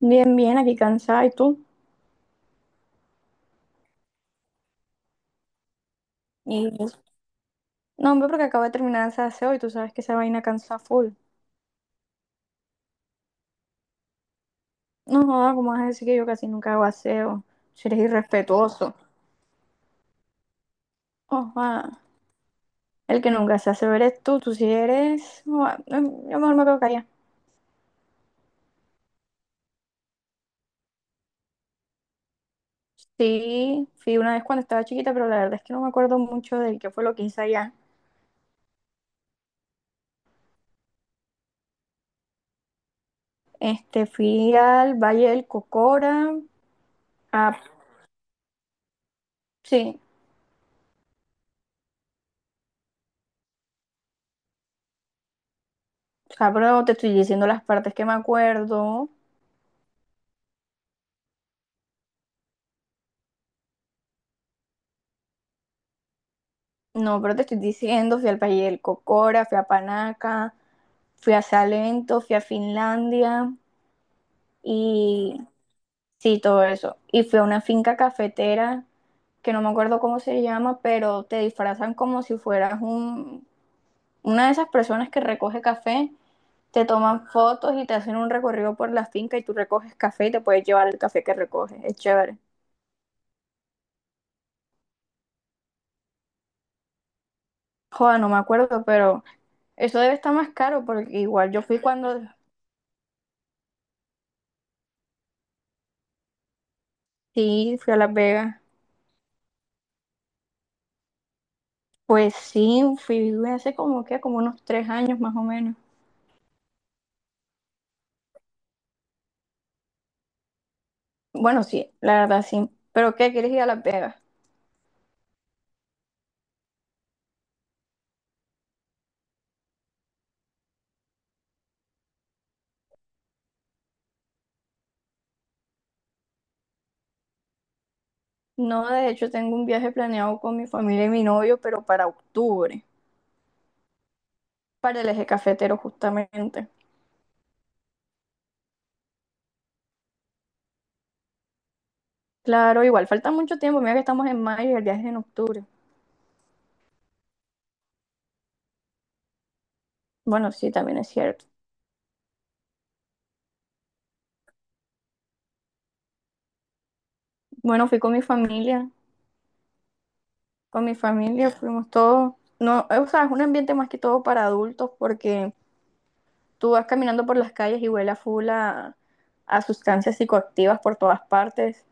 Bien, bien, aquí cansada. ¿Y tú? Y no, hombre, porque acabo de terminar ese aseo y tú sabes que esa vaina cansa full. No joda, ¿cómo vas a decir que yo casi nunca hago aseo? Si eres irrespetuoso. Ojalá. El que nunca se hace ver es tú. Tú si eres. Joda, no, yo mejor me quedo callada. Sí, fui una vez cuando estaba chiquita, pero la verdad es que no me acuerdo mucho de qué fue lo que hice allá. Este, fui al Valle del Cocora. Ah, sí, o sea, pero te estoy diciendo las partes que me acuerdo. No, pero te estoy diciendo, fui al Valle del Cocora, fui a Panaca, fui a Salento, fui a Finlandia y sí, todo eso. Y fui a una finca cafetera que no me acuerdo cómo se llama, pero te disfrazan como si fueras una de esas personas que recoge café, te toman fotos y te hacen un recorrido por la finca y tú recoges café y te puedes llevar el café que recoges. Es chévere. Joder, no me acuerdo, pero eso debe estar más caro porque igual yo fui cuando sí, fui a Las Vegas. Pues sí, fui hace como que, como unos 3 años más o menos. Bueno, sí, la verdad sí. ¿Pero qué? ¿Quieres ir a Las Vegas? No, de hecho tengo un viaje planeado con mi familia y mi novio, pero para octubre, para el eje cafetero justamente. Claro, igual falta mucho tiempo, mira que estamos en mayo y el viaje es en octubre. Bueno, sí, también es cierto. Bueno, fui con mi familia fuimos todos. No, o sea, es un ambiente más que todo para adultos porque tú vas caminando por las calles y huele a full a sustancias psicoactivas por todas partes.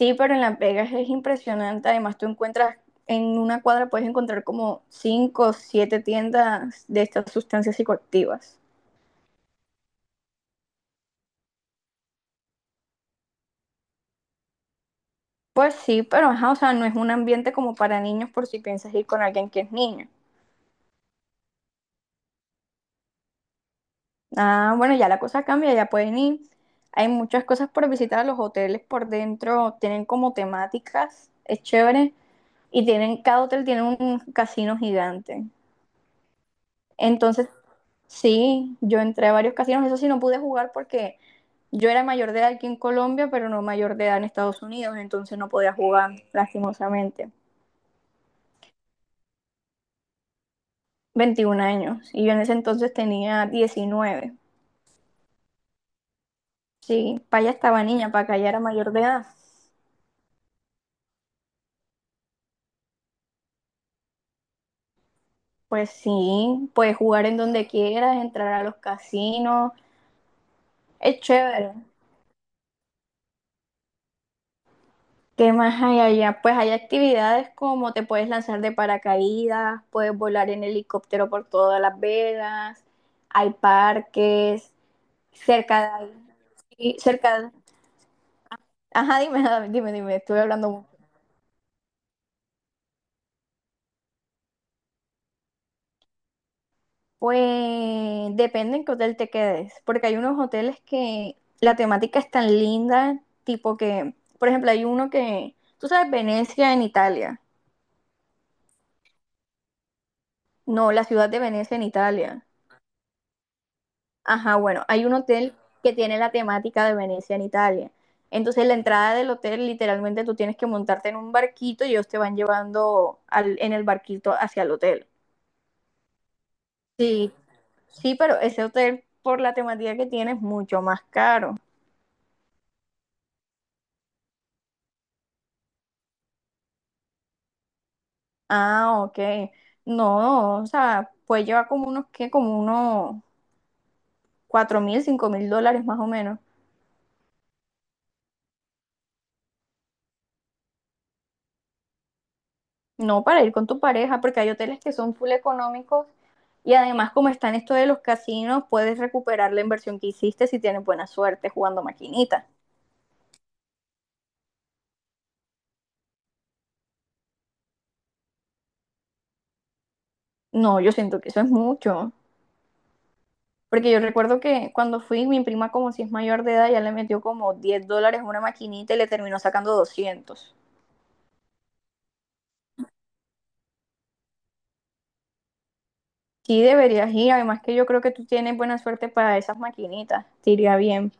Sí, pero en Las Vegas es impresionante. Además, tú encuentras en una cuadra puedes encontrar como cinco o siete tiendas de estas sustancias psicoactivas. Pues sí, pero ajá, o sea, no es un ambiente como para niños por si piensas ir con alguien que es niño. Ah, bueno, ya la cosa cambia, ya pueden ir. Hay muchas cosas por visitar, los hoteles por dentro tienen como temáticas, es chévere. Y tienen, cada hotel tiene un casino gigante. Entonces, sí, yo entré a varios casinos, eso sí no pude jugar porque yo era mayor de edad aquí en Colombia, pero no mayor de edad en Estados Unidos, entonces no podía jugar, lastimosamente. 21 años, y yo en ese entonces tenía 19. Sí, para allá estaba niña, para acá ya era mayor de edad. Pues sí, puedes jugar en donde quieras, entrar a los casinos, es chévere. ¿Qué más hay allá? Pues hay actividades como te puedes lanzar de paracaídas, puedes volar en helicóptero por todas Las Vegas, hay parques, cerca de ahí, y cerca de- Ajá, dime, dime, dime, estuve hablando mucho. Pues depende en qué hotel te quedes, porque hay unos hoteles que la temática es tan linda, tipo que, por ejemplo, hay uno que, tú sabes, Venecia en Italia, no, la ciudad de Venecia en Italia. Ajá, bueno, hay un hotel que tiene la temática de Venecia en Italia. Entonces, la entrada del hotel, literalmente tú tienes que montarte en un barquito y ellos te van llevando al- en el barquito hacia el hotel. Sí, sí, pero ese hotel, por la temática que tiene, es mucho más caro. Ah, ok. No, o sea, pues lleva como unos, ¿qué? Como unos $4,000, $5,000 más o menos. No para ir con tu pareja, porque hay hoteles que son full económicos. Y además, como está en esto de los casinos, puedes recuperar la inversión que hiciste si tienes buena suerte jugando maquinita. No, yo siento que eso es mucho. Porque yo recuerdo que cuando fui, mi prima, como si es mayor de edad, ya le metió como $10 a una maquinita y le terminó sacando 200. Sí, deberías ir. Además, que yo creo que tú tienes buena suerte para esas maquinitas. Te iría bien.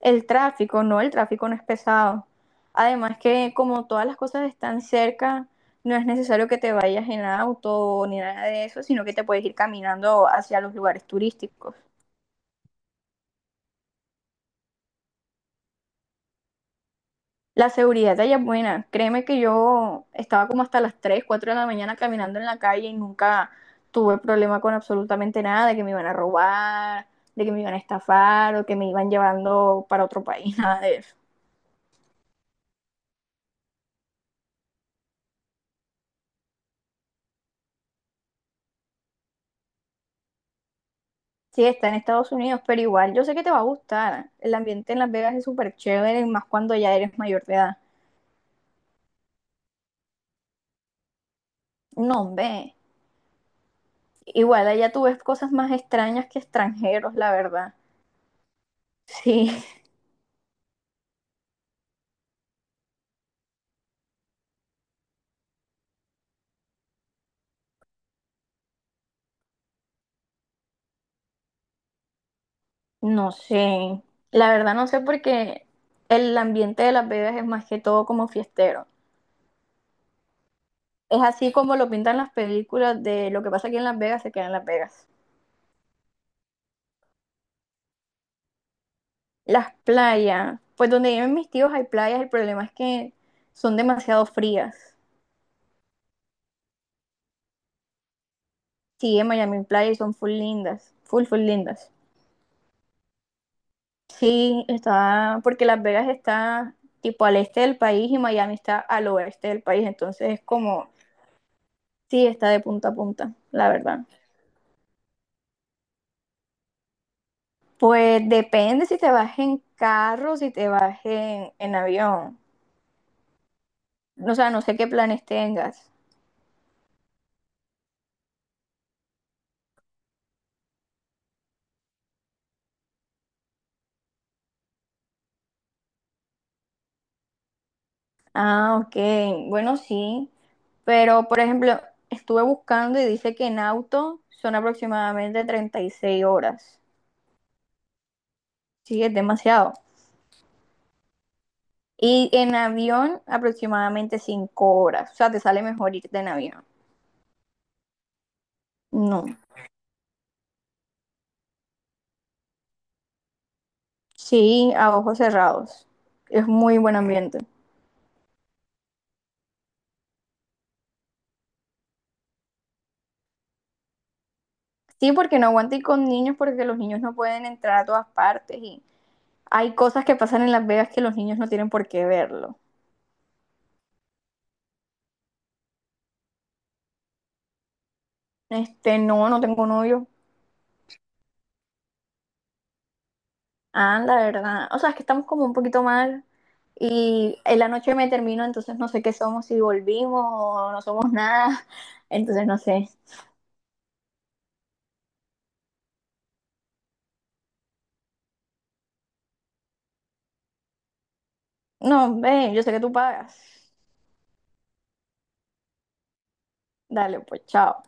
El tráfico no es pesado. Además que como todas las cosas están cerca, no es necesario que te vayas en auto ni nada de eso, sino que te puedes ir caminando hacia los lugares turísticos. La seguridad de allá es buena. Créeme que yo estaba como hasta las 3, 4 de la mañana caminando en la calle y nunca tuve problema con absolutamente nada, de que me iban a robar, de que me iban a estafar o que me iban llevando para otro país, nada de eso. Sí, está en Estados Unidos, pero igual yo sé que te va a gustar. El ambiente en Las Vegas es súper chévere, más cuando ya eres mayor de edad. No, hombre. Igual allá tú ves cosas más extrañas que extranjeros, la verdad. Sí, no sé. La verdad no sé porque el ambiente de Las Vegas es más que todo como fiestero. Es así como lo pintan las películas de lo que pasa aquí en Las Vegas se queda en Las Vegas. Las playas, pues donde viven mis tíos hay playas, el problema es que son demasiado frías. Sí, en Miami Playa y son full lindas, full, full lindas. Sí, está, porque Las Vegas está tipo al este del país y Miami está al oeste del país, entonces es como, sí, está de punta a punta, la verdad. Pues depende si te vas en carro, si te vas en avión. O sea, no sé qué planes tengas. Ah, ok, bueno, sí, pero por ejemplo, estuve buscando y dice que en auto son aproximadamente 36 horas. Sí, es demasiado. Y en avión aproximadamente 5 horas. O sea, te sale mejor irte en avión. No. Sí, a ojos cerrados. Es muy buen ambiente. Sí, porque no aguanto ir con niños porque los niños no pueden entrar a todas partes y hay cosas que pasan en Las Vegas que los niños no tienen por qué verlo. Este, no, no tengo novio. Ah, la verdad. O sea, es que estamos como un poquito mal y en la noche me termino, entonces no sé qué somos, si volvimos o no somos nada. Entonces no sé. No, ven, yo sé que tú pagas. Dale, pues, chao.